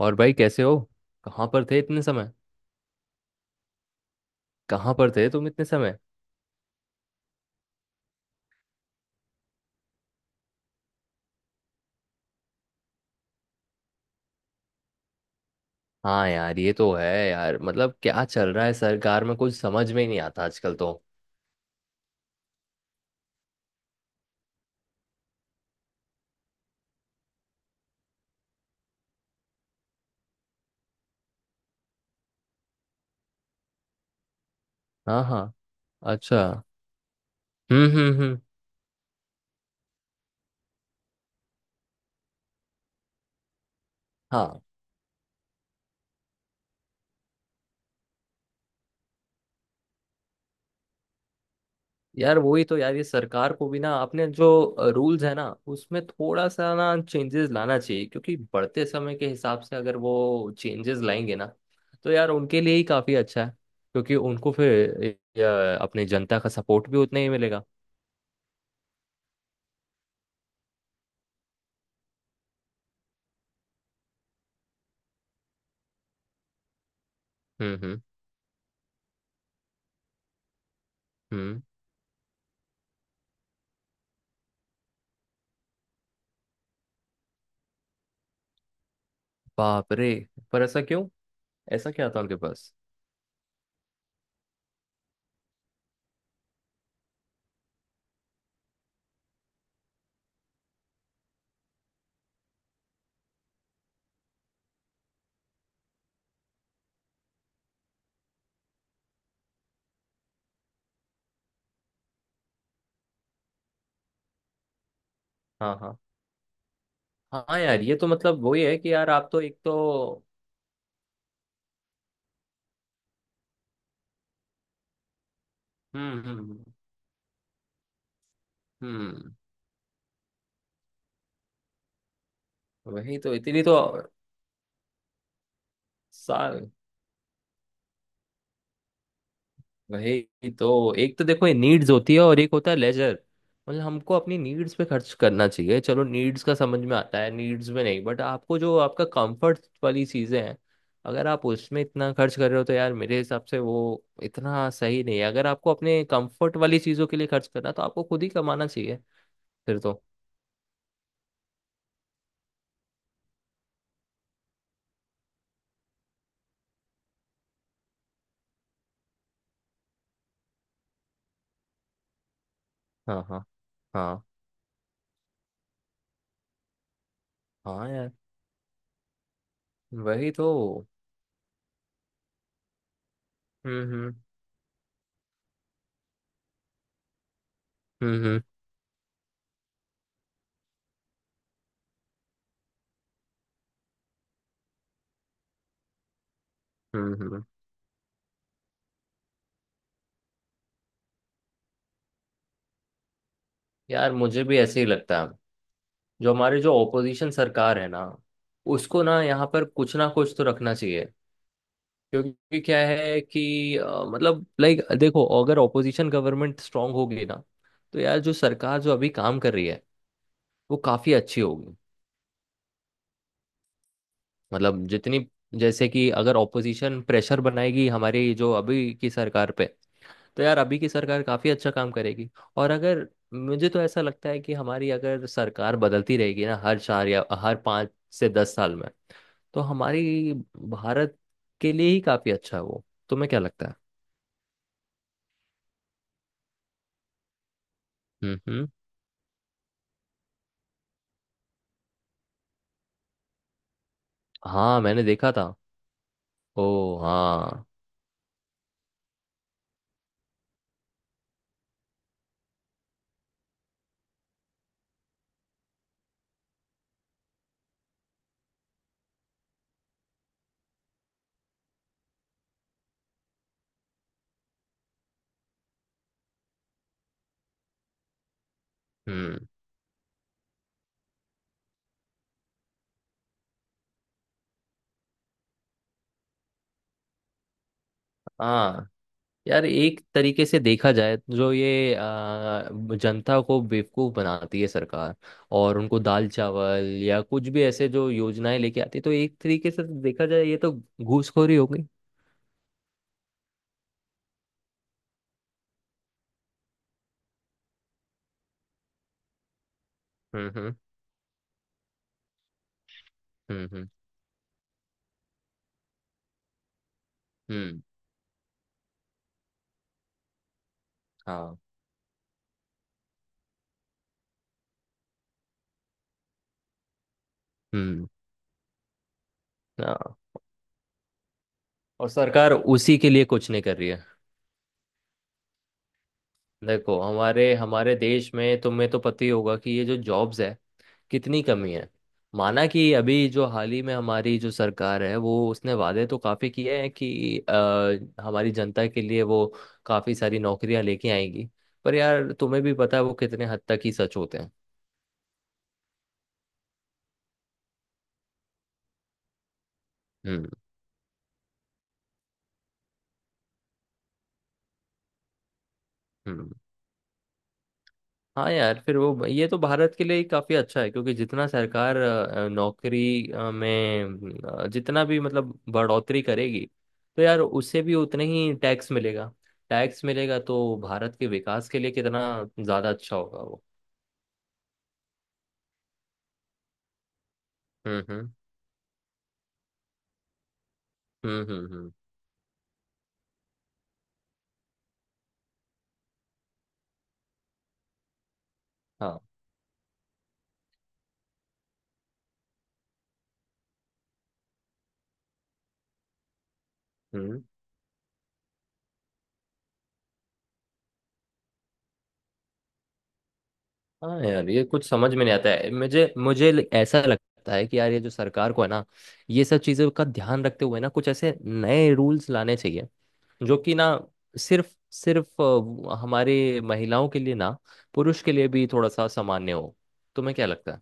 और भाई, कैसे हो? कहाँ पर थे इतने समय? कहाँ पर थे तुम इतने समय? हाँ यार ये तो है यार। मतलब क्या चल रहा है सरकार में, कुछ समझ में ही नहीं आता आजकल तो। हाँ, हाँ। अच्छा। हम्म, हम्म, हम्म। हाँ यार वही तो यार। ये सरकार को भी ना अपने जो रूल्स है ना उसमें थोड़ा सा ना चेंजेस लाना चाहिए, क्योंकि बढ़ते समय के हिसाब से अगर वो चेंजेस लाएंगे ना तो यार उनके लिए ही काफी अच्छा है, क्योंकि उनको फिर अपने जनता का सपोर्ट भी उतना ही मिलेगा। हम्म, हम्म, हम्म। बाप रे। पर ऐसा क्यों? ऐसा क्या था आपके पास? हाँ, हाँ। हाँ यार ये तो मतलब वही है कि यार आप तो एक तो। हम्म, हम्म, हम्म, हम्म। वही तो इतनी तो। साल। वही तो एक तो, देखो ये नीड्स होती है और एक होता है लेजर। मतलब हमको अपनी नीड्स पे खर्च करना चाहिए। चलो नीड्स का समझ में आता है, नीड्स में नहीं, बट आपको जो आपका कंफर्ट वाली चीज़ें हैं, अगर आप उसमें इतना खर्च कर रहे हो तो यार मेरे हिसाब से वो इतना सही नहीं है। अगर आपको अपने कंफर्ट वाली चीज़ों के लिए खर्च करना तो आपको खुद ही कमाना चाहिए। फिर तो। हाँ, हाँ। हाँ, हाँ। यार वही तो। हम्म, हम्म, हम्म, हम्म, हम्म, यार मुझे भी ऐसे ही लगता है। जो हमारे जो ओपोजिशन सरकार है ना, उसको ना यहाँ पर कुछ ना कुछ तो रखना चाहिए। क्योंकि क्या है कि मतलब लाइक देखो, अगर ओपोजिशन गवर्नमेंट स्ट्रांग होगी ना, तो यार जो सरकार जो अभी काम कर रही है वो काफी अच्छी होगी। मतलब जितनी, जैसे कि अगर ओपोजिशन प्रेशर बनाएगी हमारी जो अभी की सरकार पे, तो यार अभी की सरकार काफी अच्छा काम करेगी। और अगर मुझे तो ऐसा लगता है कि हमारी अगर सरकार बदलती रहेगी ना हर 4 या हर 5 से 10 साल में, तो हमारी भारत के लिए ही काफी अच्छा है वो। तुम्हें क्या लगता है? हम्म, हम्म। हाँ मैंने देखा था। ओ। हाँ। हम्म। हाँ यार एक तरीके से देखा जाए तो जो ये जनता को बेवकूफ बनाती है सरकार, और उनको दाल चावल या कुछ भी ऐसे जो योजनाएं लेके आती है तो एक तरीके से तो देखा जाए ये तो घूसखोरी हो गई। हम्म, हम्म, हम्म, हम्म, हम्म। हाँ। हम्म। हाँ। और सरकार उसी के लिए कुछ नहीं कर रही है। देखो हमारे हमारे देश में तुम्हें तो पता ही होगा कि ये जो जॉब्स है कितनी कमी है। माना कि अभी जो हाल ही में हमारी जो सरकार है वो उसने वादे तो काफी किए हैं कि हमारी जनता के लिए वो काफी सारी नौकरियां लेके आएगी। पर यार तुम्हें भी पता है वो कितने हद तक ही सच होते हैं। हम्म, हम्म। हाँ यार फिर वो ये तो भारत के लिए ही काफी अच्छा है, क्योंकि जितना सरकार नौकरी में जितना भी मतलब बढ़ोतरी करेगी, तो यार उससे भी उतने ही टैक्स मिलेगा। टैक्स मिलेगा तो भारत के विकास के लिए कितना ज्यादा अच्छा होगा वो। हम्म, हम्म, हम्म, हम्म, हम्म। हाँ। हम्म। हाँ। यार ये कुछ समझ में नहीं आता है। मुझे मुझे ऐसा लगता है कि यार ये जो सरकार को है ना, ये सब चीजों का ध्यान रखते हुए ना कुछ ऐसे नए रूल्स लाने चाहिए, जो कि ना सिर्फ सिर्फ हमारे महिलाओं के लिए ना, पुरुष के लिए भी थोड़ा सा सामान्य हो। तुम्हें क्या लगता है?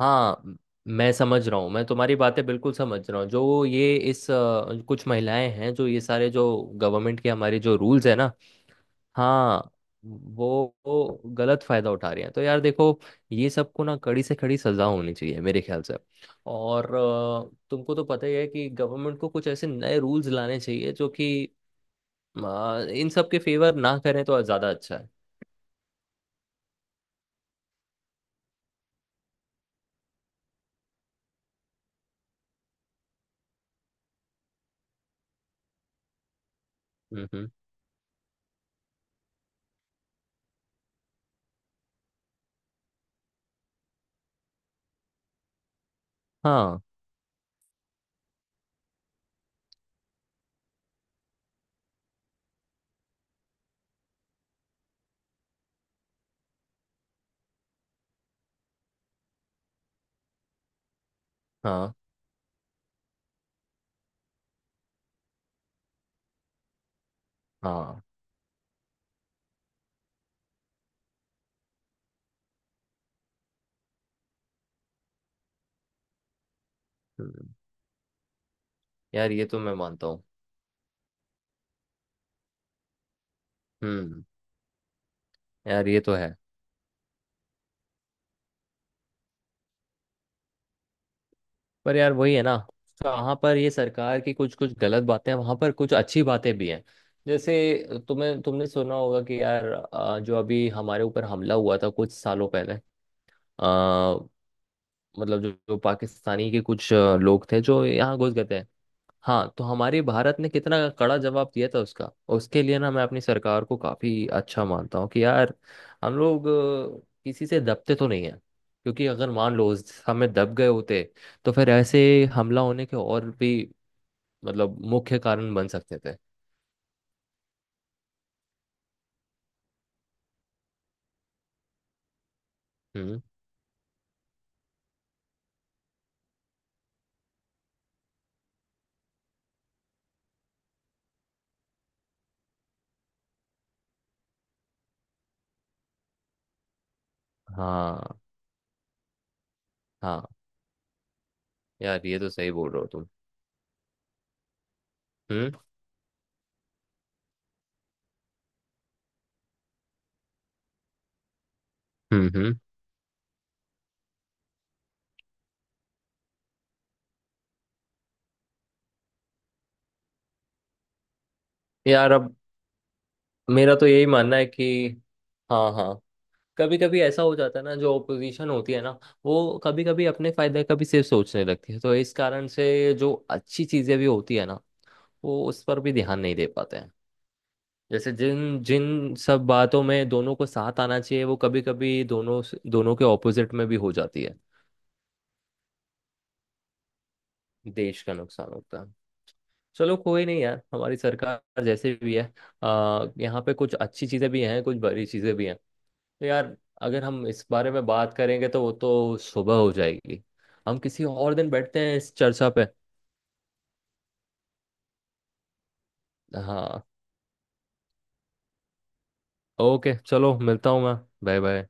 हाँ, मैं समझ रहा हूँ, मैं तुम्हारी बातें बिल्कुल समझ रहा हूँ, जो ये इस कुछ महिलाएं हैं जो ये सारे जो गवर्नमेंट के हमारे जो रूल्स है ना। हाँ। वो गलत फायदा उठा रही हैं तो यार देखो, ये सबको ना कड़ी से कड़ी सजा होनी चाहिए मेरे ख्याल से। और तुमको तो पता ही है कि गवर्नमेंट को कुछ ऐसे नए रूल्स लाने चाहिए जो कि इन सब के फेवर ना करें तो ज्यादा अच्छा है। हम्म, हम्म। हाँ, हाँ, हाँ। हम्म। यार ये तो मैं मानता हूँ। हम्म। यार ये तो है। पर यार वही है ना, कहाँ पर ये सरकार की कुछ कुछ गलत बातें हैं वहां पर कुछ अच्छी बातें भी हैं। जैसे तुम्हें तुमने सुना होगा कि यार जो अभी हमारे ऊपर हमला हुआ था कुछ सालों पहले आ, मतलब जो पाकिस्तानी के कुछ लोग थे जो यहाँ घुस गए थे। हाँ तो हमारे भारत ने कितना कड़ा जवाब दिया था उसका। उसके लिए ना मैं अपनी सरकार को काफी अच्छा मानता हूँ कि यार हम लोग किसी से दबते तो नहीं है। क्योंकि अगर मान लो उस हमें दब गए होते, तो फिर ऐसे हमला होने के और भी मतलब मुख्य कारण बन सकते थे। हम्म। हाँ, हाँ। यार ये तो सही बोल रहे हो तुम। हम्म, हम्म, हम्म। यार अब मेरा तो यही मानना है कि। हाँ, हाँ। कभी कभी ऐसा हो जाता है ना, जो ओपोजिशन होती है ना, वो कभी कभी अपने फायदे का भी सिर्फ सोचने लगती है, तो इस कारण से जो अच्छी चीजें भी होती है ना, वो उस पर भी ध्यान नहीं दे पाते हैं। जैसे जिन जिन सब बातों में दोनों को साथ आना चाहिए वो कभी कभी दोनों दोनों के ऑपोजिट में भी हो जाती है। देश का नुकसान होता है। चलो कोई नहीं यार, हमारी सरकार जैसे भी है, यहाँ पे कुछ अच्छी चीजें भी हैं कुछ बुरी चीजें भी हैं। तो यार अगर हम इस बारे में बात करेंगे तो वो तो सुबह हो जाएगी। हम किसी और दिन बैठते हैं इस चर्चा पे। हाँ। ओके चलो, मिलता हूँ मैं। Bye bye.